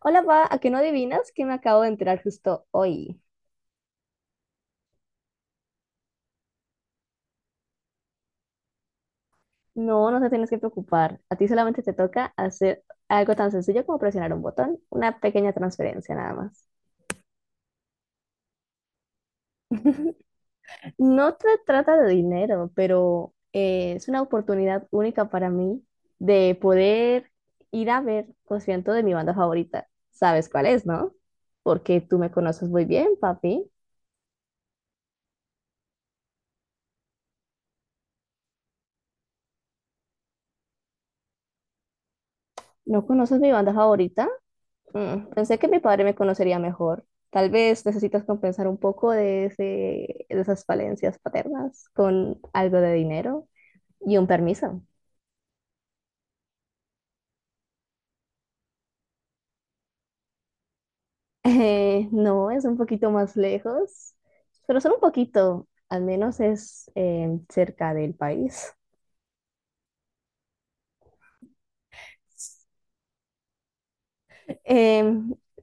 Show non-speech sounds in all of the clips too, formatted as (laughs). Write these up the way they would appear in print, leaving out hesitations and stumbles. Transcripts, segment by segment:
Hola, pa, ¿a qué no adivinas que me acabo de enterar justo hoy? No te tienes que preocupar. A ti solamente te toca hacer algo tan sencillo como presionar un botón, una pequeña transferencia nada más. (laughs) No se trata de dinero, pero es una oportunidad única para mí de poder ir a ver concierto de mi banda favorita. ¿Sabes cuál es, no? Porque tú me conoces muy bien, papi. ¿No conoces mi banda favorita? Mm, pensé que mi padre me conocería mejor. Tal vez necesitas compensar un poco de esas falencias paternas con algo de dinero y un permiso. (laughs) No, es un poquito más lejos, pero solo un poquito, al menos es cerca del país. Eh,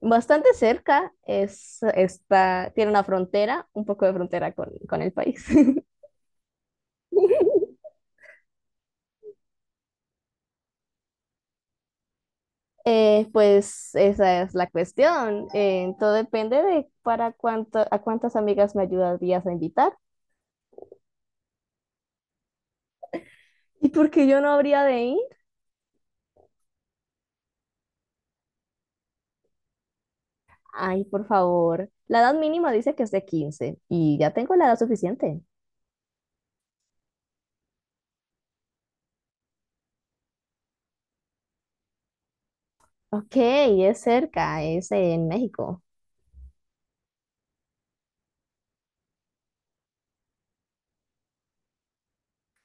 Bastante cerca, tiene una frontera, un poco de frontera con el país. (laughs) Pues esa es la cuestión. Todo depende de para a cuántas amigas me ayudarías a invitar. ¿Y por qué yo no habría de ir? Ay, por favor. La edad mínima dice que es de 15 y ya tengo la edad suficiente. Ok, es cerca, es en México.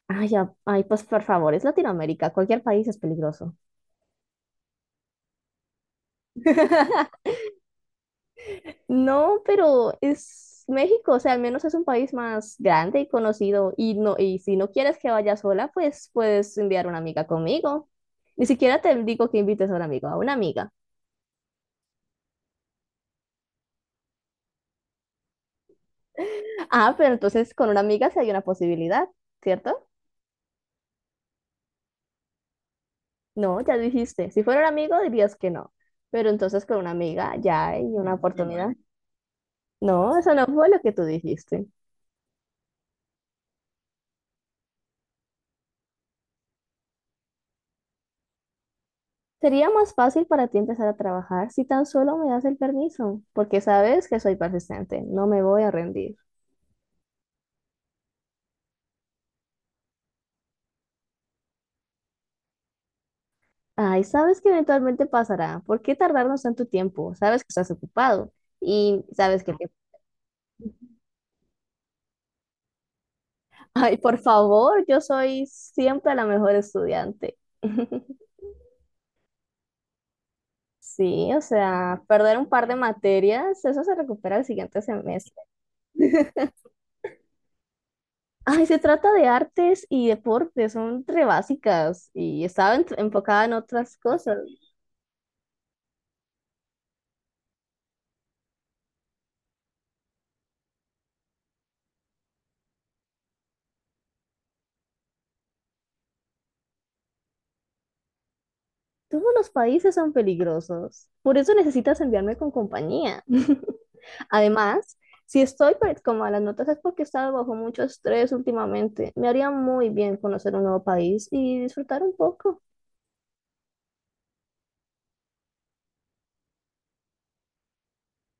Ay, ay, pues por favor, es Latinoamérica, cualquier país es peligroso. (laughs) No, pero es México, o sea, al menos es un país más grande y conocido. Y no, y si no quieres que vaya sola, pues puedes enviar una amiga conmigo. Ni siquiera te digo que invites a a una amiga. Ah, pero entonces con una amiga sí hay una posibilidad, ¿cierto? No, ya dijiste. Si fuera un amigo dirías que no. Pero entonces con una amiga ya hay una No, oportunidad. No, eso no fue lo que tú dijiste. Sería más fácil para ti empezar a trabajar si tan solo me das el permiso, porque sabes que soy persistente, no me voy a rendir. Ay, sabes que eventualmente pasará. ¿Por qué tardarnos tanto tiempo? Sabes que estás ocupado y sabes que te... (laughs) Ay, por favor, yo soy siempre la mejor estudiante. (laughs) Sí, o sea, perder un par de materias, eso se recupera el siguiente semestre. (laughs) Ay, se trata de artes y deportes, son re básicas y estaba enfocada en otras cosas. Todos los países son peligrosos. Por eso necesitas enviarme con compañía. (laughs) Además, si estoy pues, con malas notas es porque he estado bajo mucho estrés últimamente. Me haría muy bien conocer un nuevo país y disfrutar un poco.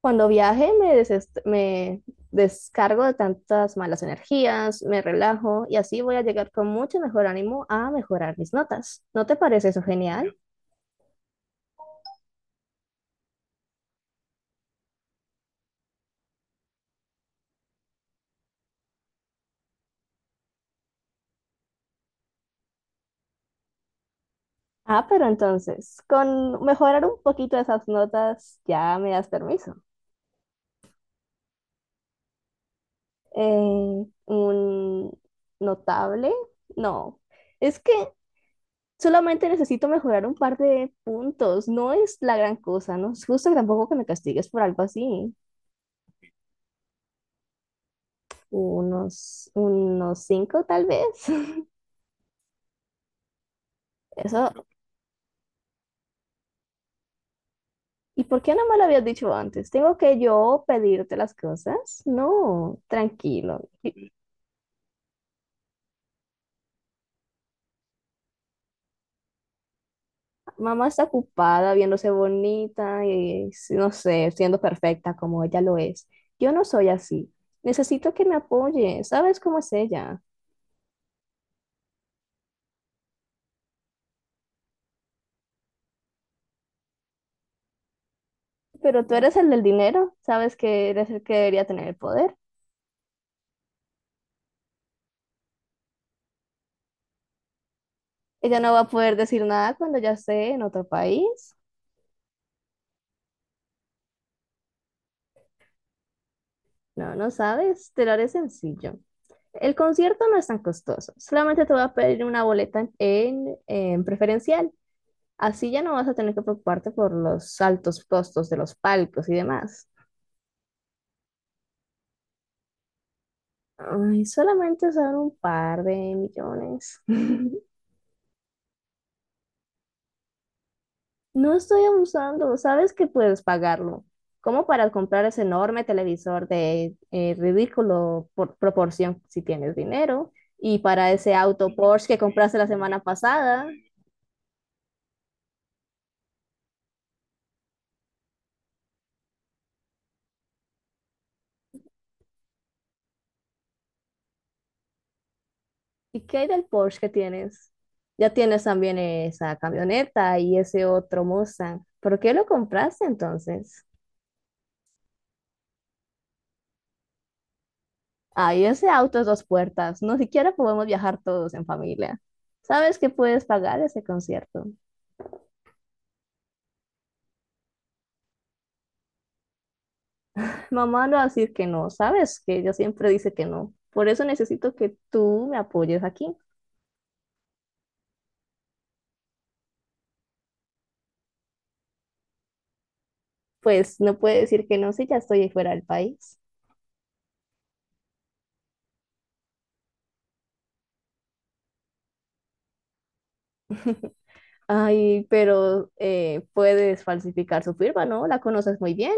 Cuando viaje me descargo de tantas malas energías, me relajo y así voy a llegar con mucho mejor ánimo a mejorar mis notas. ¿No te parece eso genial? Ah, pero entonces, con mejorar un poquito esas notas ya me das permiso. Un notable. No, es que solamente necesito mejorar un par de puntos. No es la gran cosa, no es justo tampoco que me castigues por algo así. Unos cinco tal vez. (laughs) Eso. ¿Y por qué no me lo habías dicho antes? ¿Tengo que yo pedirte las cosas? No, tranquilo. Mamá está ocupada viéndose bonita y, sí, no sé, siendo perfecta como ella lo es. Yo no soy así. Necesito que me apoye. ¿Sabes cómo es ella? Pero tú eres el del dinero. Sabes que eres el que debería tener el poder. Ella no va a poder decir nada cuando ya esté en otro país. No, no sabes. Te lo haré sencillo. El concierto no es tan costoso. Solamente te voy a pedir una boleta en preferencial. Así ya no vas a tener que preocuparte por los altos costos de los palcos y demás. Ay, solamente son un par de millones. (laughs) No estoy abusando, sabes que puedes pagarlo. Como para comprar ese enorme televisor de ridículo por proporción si tienes dinero. Y para ese auto Porsche que compraste la semana pasada. ¿Y qué hay del Porsche que tienes? Ya tienes también esa camioneta y ese otro Mustang. ¿Por qué lo compraste entonces? Ay, ese auto es dos puertas. No siquiera podemos viajar todos en familia. ¿Sabes que puedes pagar ese concierto? Mamá no va a decir que no. ¿Sabes que ella siempre dice que no? Por eso necesito que tú me apoyes aquí. Pues no puede decir que no si ya estoy fuera del país. Ay, pero puedes falsificar su firma, ¿no? La conoces muy bien.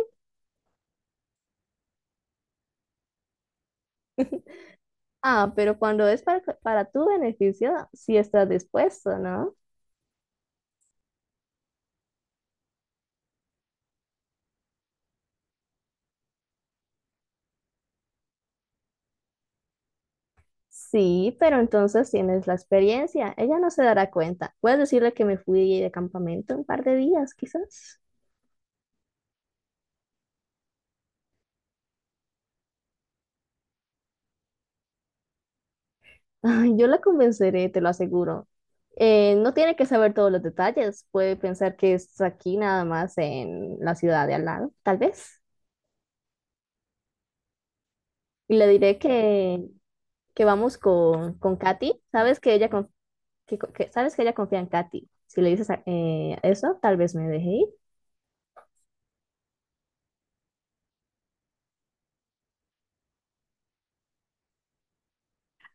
Ah, pero cuando es para tu beneficio, si estás dispuesto, ¿no? Sí, pero entonces tienes la experiencia. Ella no se dará cuenta. Puedes decirle que me fui de campamento un par de días, quizás. (laughs) Ay, yo la convenceré, te lo aseguro. No tiene que saber todos los detalles. Puede pensar que es aquí nada más en la ciudad de al lado, tal vez. Y le diré que vamos con Katy. Sabes que ella, sabes que ella confía en Katy. Si le dices eso, tal vez me deje ir. (laughs)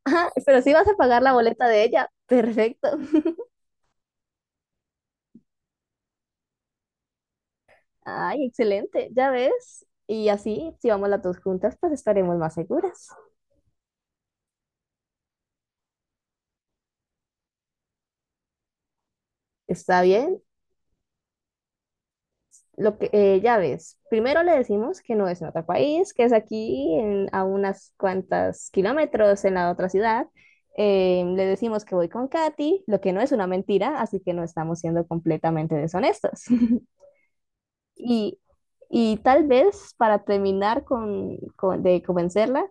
Ajá, pero sí vas a pagar la boleta de ella. Perfecto. Ay, excelente, ya ves. Y así, si vamos las dos juntas, pues estaremos más seguras. Está bien, lo que ya ves. Primero le decimos que no es en otro país, que es aquí a unas cuantas kilómetros en la otra ciudad. Le decimos que voy con Katy, lo que no es una mentira, así que no estamos siendo completamente deshonestos. (laughs) Y, y tal vez para terminar de convencerla,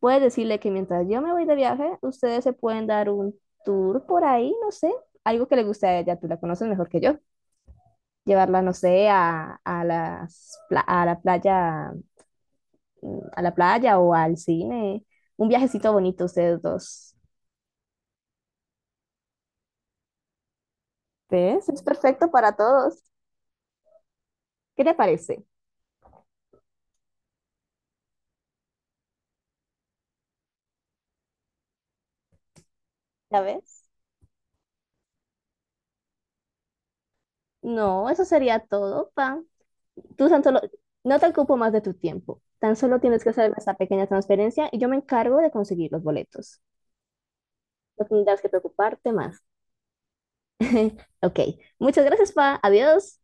puedes decirle que mientras yo me voy de viaje, ustedes se pueden dar un tour por ahí, no sé, algo que le guste a ella, tú la conoces mejor que yo. Llevarla, no sé, a las a la playa, mm, a la playa o al cine. Un viajecito bonito ustedes dos. ¿Ves? Es perfecto para todos. ¿Qué te parece? ¿Ya ves? No, eso sería todo, pa. Tú tan solo, no te ocupo más de tu tiempo. Tan solo tienes que hacer esta pequeña transferencia y yo me encargo de conseguir los boletos. No tendrás que preocuparte más. (laughs) Ok, muchas gracias, Pa. Adiós.